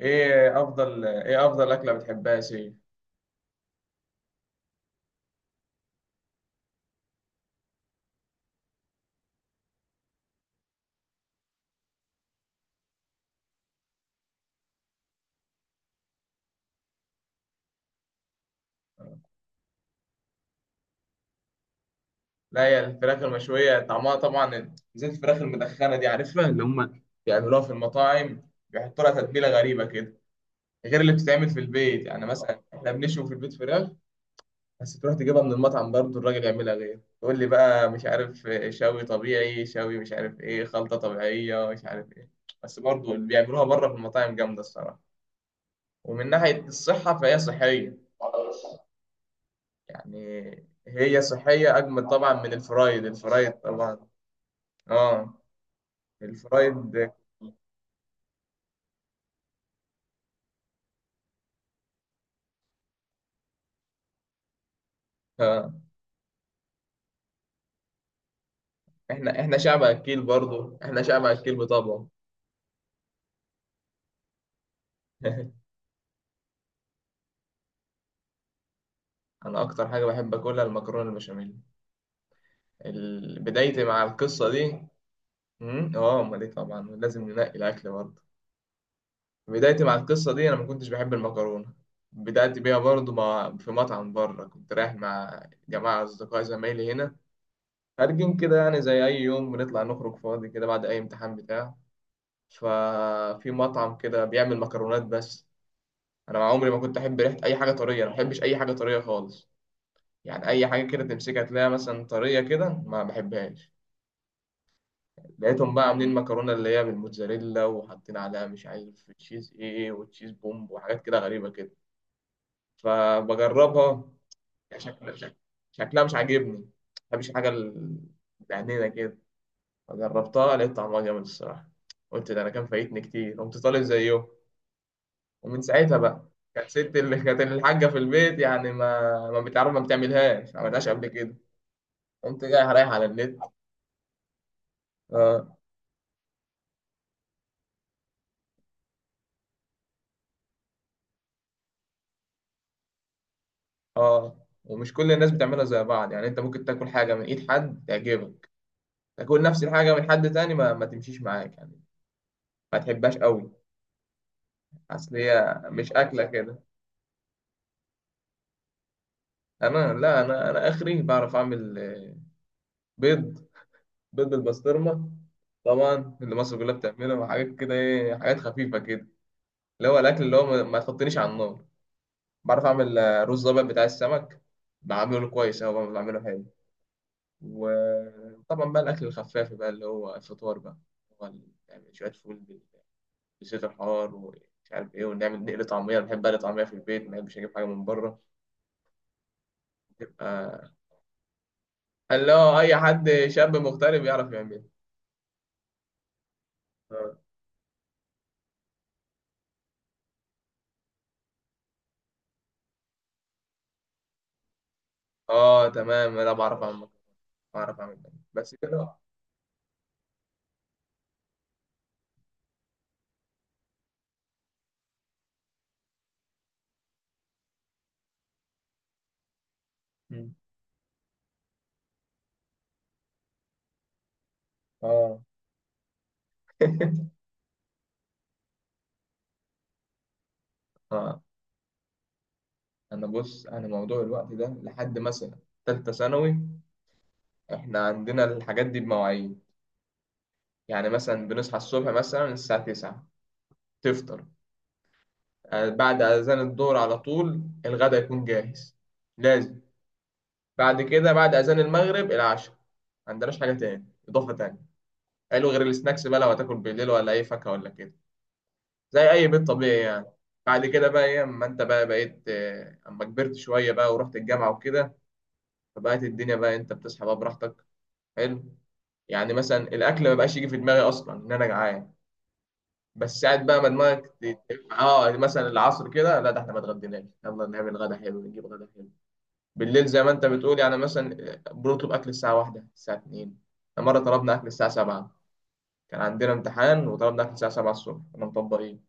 ايه افضل اكله بتحبها يا سيف؟ لا، هي الفراخ المشويه طعمها طبعا زي الفراخ المدخنه دي، عارفها اللي هم بيعملوها في المطاعم، بيحطوا لها تتبيله غريبه كده. غير اللي بتتعمل في البيت، يعني مثلا احنا بنشوي في البيت فراخ. بس تروح تجيبها من المطعم برضه الراجل يعملها غير، تقول لي بقى مش عارف شوي طبيعي، شوي مش عارف ايه، خلطه طبيعيه مش عارف ايه. بس برضه اللي بيعملوها بره في المطاعم جامده الصراحه. ومن ناحيه الصحه فهي صحيه. يعني هي صحية أجمل طبعا من الفرايد، الفرايد طبعا. اه، الفرايد. آه. احنا شعب أكيل برضو، احنا شعب أكيل بطبعه. أنا أكتر حاجة بحب أكلها المكرونة البشاميل. بدايتي مع القصة دي. اه، أمال إيه؟ طبعا لازم ننقي الأكل برضو. بدايتي مع القصة دي أنا ما كنتش بحب المكرونة. بدأت بيها برضو في مطعم بره كنت رايح مع جماعة أصدقاء زمايلي هنا. خارجين كده يعني زي أي يوم بنطلع نخرج فاضي كده بعد أي امتحان بتاع. ففي مطعم كده بيعمل مكرونات بس. انا مع عمري ما كنت احب ريحه اي حاجه طريه، انا ما بحبش اي حاجه طريه خالص. يعني اي حاجه كده تمسكها تلاقيها مثلا طريه كده، ما بحبهاش. لقيتهم بقى عاملين مكرونه اللي هي بالموتزاريلا وحاطين عليها مش عارف تشيز ايه، وتشيز بومب وحاجات كده غريبه كده. فبجربها. شكلها شك- شكلها مش عاجبني، ما بحبش الحاجه بعنينه كده. فجربتها، لقيت طعمها جامد الصراحه. قلت ده انا كان فايتني كتير، قمت طالب زيه. ومن ساعتها بقى. كانت ست اللي كانت الحاجه في البيت يعني ما ما بتعرف، ما بتعملهاش، ما عملتهاش قبل كده. قمت جاي رايح على النت. اه، اه، ومش كل الناس بتعملها زي بعض. يعني انت ممكن تاكل حاجه من ايد حد تعجبك. تاكل نفس الحاجه من حد تاني ما تمشيش معاك يعني. ما تحبهاش قوي. اصل هي مش اكله كده. انا، لا، انا اخري بعرف اعمل بيض. بيض بالبسطرمه. طبعا اللي مصر كلها بتعمله، وحاجات كده ايه، حاجات خفيفه كده. اللي هو الاكل اللي هو ما تحطنيش على النار. بعرف أعمل رز أبيض بتاع السمك. بعمله كويس أهو، بعمله حلو. وطبعا بقى الأكل الخفاف بقى اللي هو الفطار بقى. هو يعني شوية فول بزيت الحار ومش عارف إيه، ونعمل نقل طعمية. أنا بحب أقلي طعمية في البيت، ما بحبش أجيب حاجة من بره. تبقى اللي هو أي حد شاب مغترب يعرف يعمل. آه، آه، تمام، أنا بعرف أعمل. بعرف أعمل بس كده. مم. آه. آه، أنا بص أنا موضوع الوقت ده لحد مثلا تالتة ثانوي. احنا عندنا الحاجات دي بمواعيد. يعني مثلا بنصحى الصبح مثلا الساعة 9، تفطر. بعد أذان الظهر على طول الغدا يكون جاهز، لازم. بعد كده بعد أذان المغرب العشاء. ما عندناش حاجة تاني، إضافة تانية حلو غير السناكس بقى لو هتاكل بالليل، ولا أي فاكهة ولا كده، زي أي بيت طبيعي يعني. بعد كده بقى إيه أما أنت بقى بقيت أما كبرت شوية بقى ورحت الجامعة وكده، فبقت الدنيا بقى أنت بتصحى بقى براحتك. حلو. يعني مثلا الأكل ما بقاش يجي في دماغي أصلا إن أنا جعان. بس قاعد بقى ما دماغك مثلا العصر كده، لا ده احنا ما اتغديناش، يلا نعمل غدا حلو، نجيب غدا حلو. بالليل زي ما انت بتقول، يعني مثلا بنطلب اكل الساعه واحدة، الساعه 2. مره طلبنا اكل الساعه 7. كان عندنا امتحان وطلبنا اكل الساعه 7 الصبح كنا مطبقين.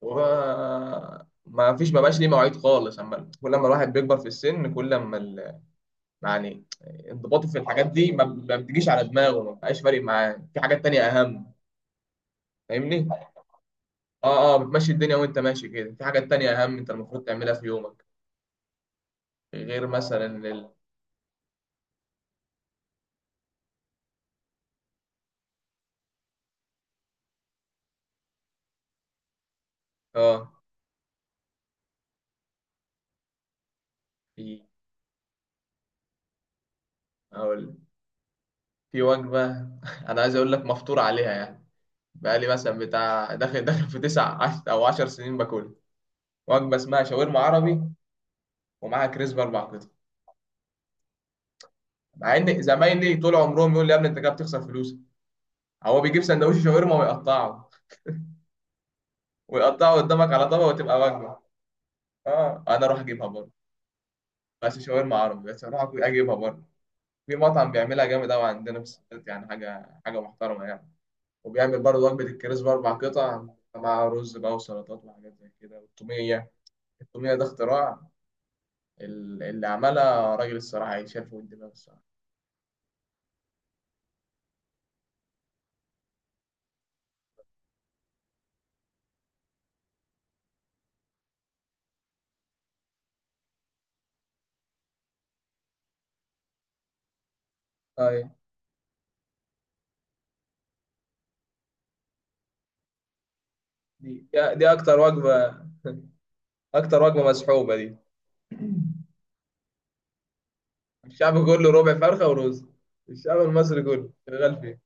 وما ما فيش، ما بقاش ليه مواعيد خالص. اما كل ما الواحد بيكبر في السن كل ما يعني انضباطه في الحاجات دي ما بتجيش على دماغه، ما بقاش فارق معاه، في حاجات تانية اهم. فاهمني. اه، اه، بتمشي الدنيا وانت ماشي كده، في حاجات تانية اهم انت المفروض تعملها في يومك. غير مثلا اه، في اقول، في وجبة. انا عايز اقول لك مفطور عليها يعني. بقالي مثلا بتاع داخل، داخل في او عشر سنين باكلها. وجبة اسمها شاورما عربي، ومعاها كريسب اربع قطع. مع ان زمايلي طول عمرهم يقول لي يا ابني انت كده بتخسر فلوسك. هو بيجيب سندوتش شاورما ويقطعه، ويقطعه قدامك على طبق وتبقى وجبة. اه انا اروح اجيبها برضه. بس شاورما عربي، بس اروح اجيبها برضه. في مطعم بيعملها جامد قوي عندنا في السويد، يعني حاجه، حاجه محترمه يعني. وبيعمل برضه وجبه الكريز باربع قطع، مع رز بقى وسلطات وحاجات زي كده، والتوميه. التوميه ده اختراع، اللي عملها راجل الصراحه يشال فوق الدماغ الصراحه. طيب. دي دي اكتر وجبه مسحوبه دي. الشعب كله ربع فرخه ورز. الشعب المصري كله شغال فيه.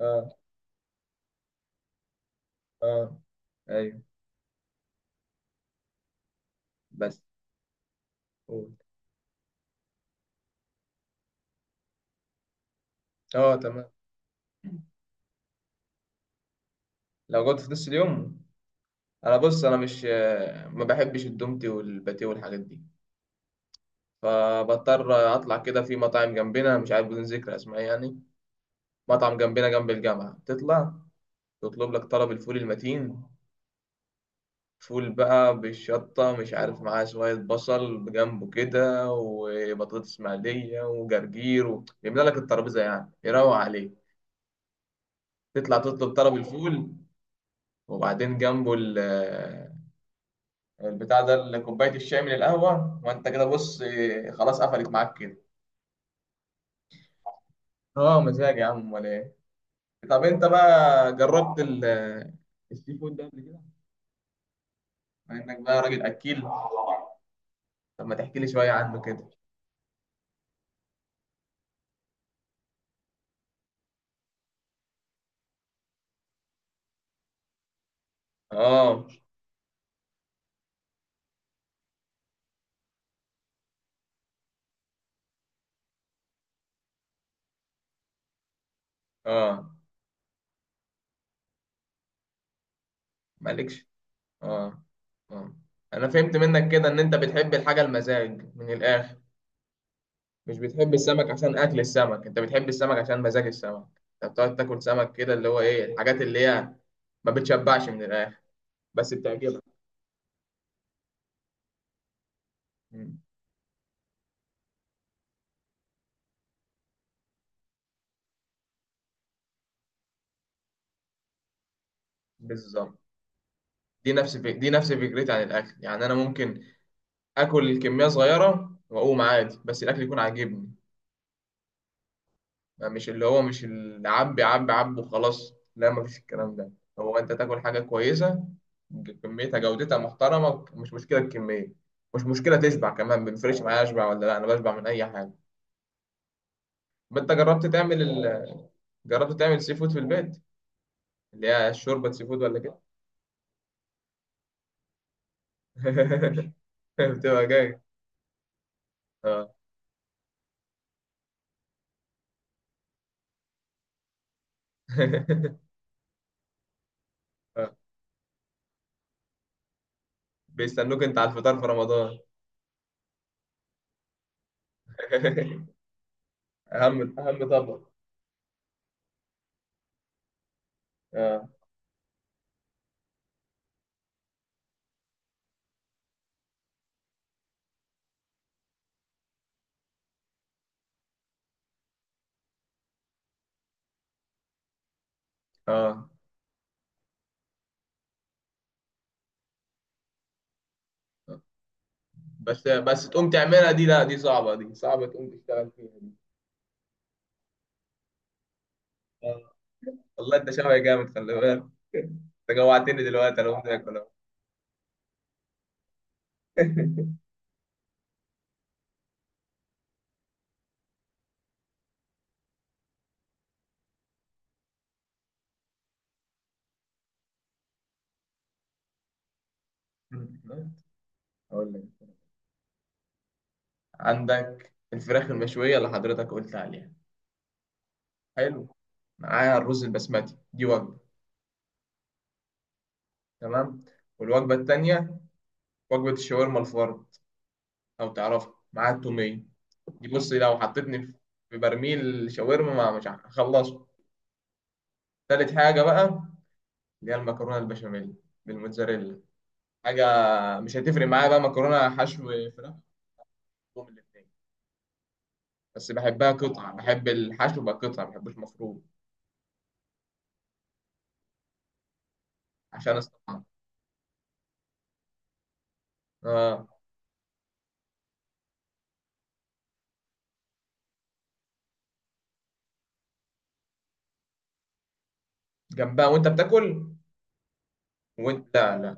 اه، اه، ايوه، بس قول. اه، تمام. لو جوت في نص اليوم، انا بص انا مش ما بحبش الدومتي والباتيه والحاجات دي. فبضطر اطلع كده في مطاعم جنبنا مش عارف بدون ذكر اسماء يعني. مطعم جنبنا جنب الجامعه، تطلع تطلب لك طلب الفول المتين، فول بقى بالشطه مش عارف معاه شويه بصل بجنبه كده، وبطاطس مقليه وجرجير و يملى لك الترابيزه، يعني يروق عليه. تطلع تطلب طلب الفول. وبعدين جنبه البتاع ده كوبايه الشاي من القهوه، وانت كده بص، خلاص قفلت معاك كده. اه، مزاج يا عم ولا ايه؟ طب انت بقى جربت السي فود ده قبل كده، مع انك بقى راجل اكيل؟ طب ما تحكي لي شويه عنه كده. اه، اه، مالكش. اه، اه، انا فهمت منك كده ان انت بتحب الحاجه المزاج من الاخر. مش بتحب السمك عشان اكل السمك، انت بتحب السمك عشان مزاج السمك. انت بتقعد تاكل سمك كده اللي هو ايه الحاجات اللي هي، ما بتشبعش من الاخر بس بتعجبك. مم. بالظبط. دي نفس فكرتي عن الاكل، يعني انا ممكن اكل كميه صغيره واقوم عادي بس الاكل يكون عاجبني. يعني مش اللي عبي عبي عبي وخلاص، لا مفيش الكلام ده. هو انت تاكل حاجه كويسه كميتها جودتها محترمه، مش مشكله الكميه، مش مشكله تشبع كمان، ما بيفرقش معايا اشبع ولا لا، انا بشبع من اي حاجه. ما انت جربت تعمل جربت تعمل سي فود في البيت، اللي هي شوربه سي فود ولا كده؟ بتبقى جاي. اه. آه. بيستنوك انت على الفطار في رمضان. اهم، اهم طبق. آه. اه، بس تقوم تعملها دي، لا دي صعبة، دي صعبة تقوم تشتغل فيها دي. آه. والله انت شبهي جامد، خلي بالك. انت جوعتني دلوقتي، انا قمت اكل أهو. اقول لك، عندك الفراخ المشوية اللي حضرتك قلت عليها، حلو، معاها الرز البسمتي دي وجبة. تمام. والوجبة التانية وجبة الشاورما الفرد، لو تعرفها معاها التومية. دي بص لو حطيتني في برميل شاورما ما مش هخلصه. تالت حاجة بقى اللي هي المكرونة البشاميل بالموتزاريلا. حاجة مش هتفرق معايا بقى مكرونة حشو، فراخ، بحبهم الاتنين. بس بحبها قطعة، بحب الحشو بقى قطعة ما بحبوش مفروض، عشان استطعم. اه، جنبها وانت بتاكل. وانت لا لا،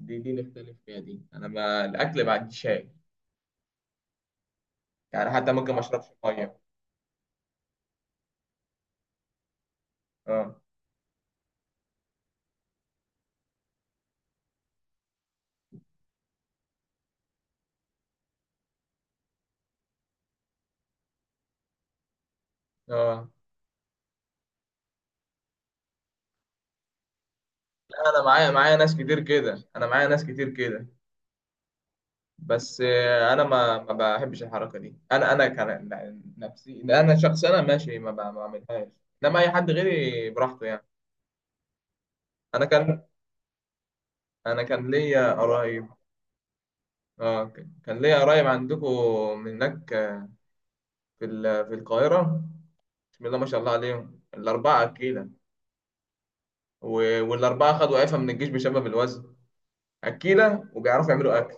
دي نختلف فيها، دي انا ما الاكل ما عنديش هاي. يعني حتى ممكن ما اشربش ميه. اه، اه، لا انا معايا ناس كتير كده، انا معايا ناس كتير كده. بس انا ما بحبش الحركه دي، انا كان نفسي انا شخص انا ماشي ما بعملهاش. انما اي حد غيري براحته يعني. انا كان انا كان ليا قرايب. اه كان ليا قرايب عندكم من هناك، في في القاهره. بسم الله ما شاء الله عليهم الاربعه اكيله. والاربعه خدوا عفه من الجيش بسبب الوزن. اكيله وبيعرفوا يعملوا اكل.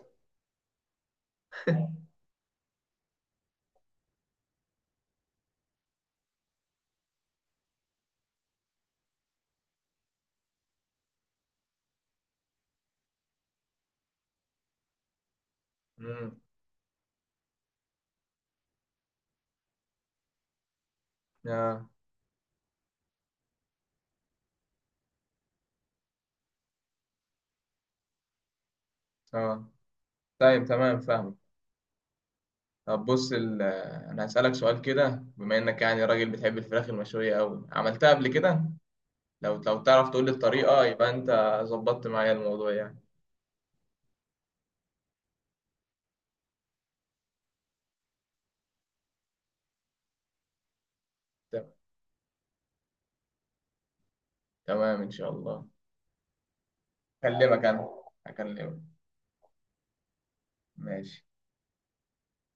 امم. اه، اه، طيب، تمام، فاهم. طب بص انا هسالك سؤال كده، بما انك يعني راجل بتحب الفراخ المشويه قوي، عملتها قبل كده، لو تعرف تقول لي الطريقه يبقى انت ظبطت معايا الموضوع يعني. تمام إن شاء الله. أكلمك أنا، أكلمك. ماشي.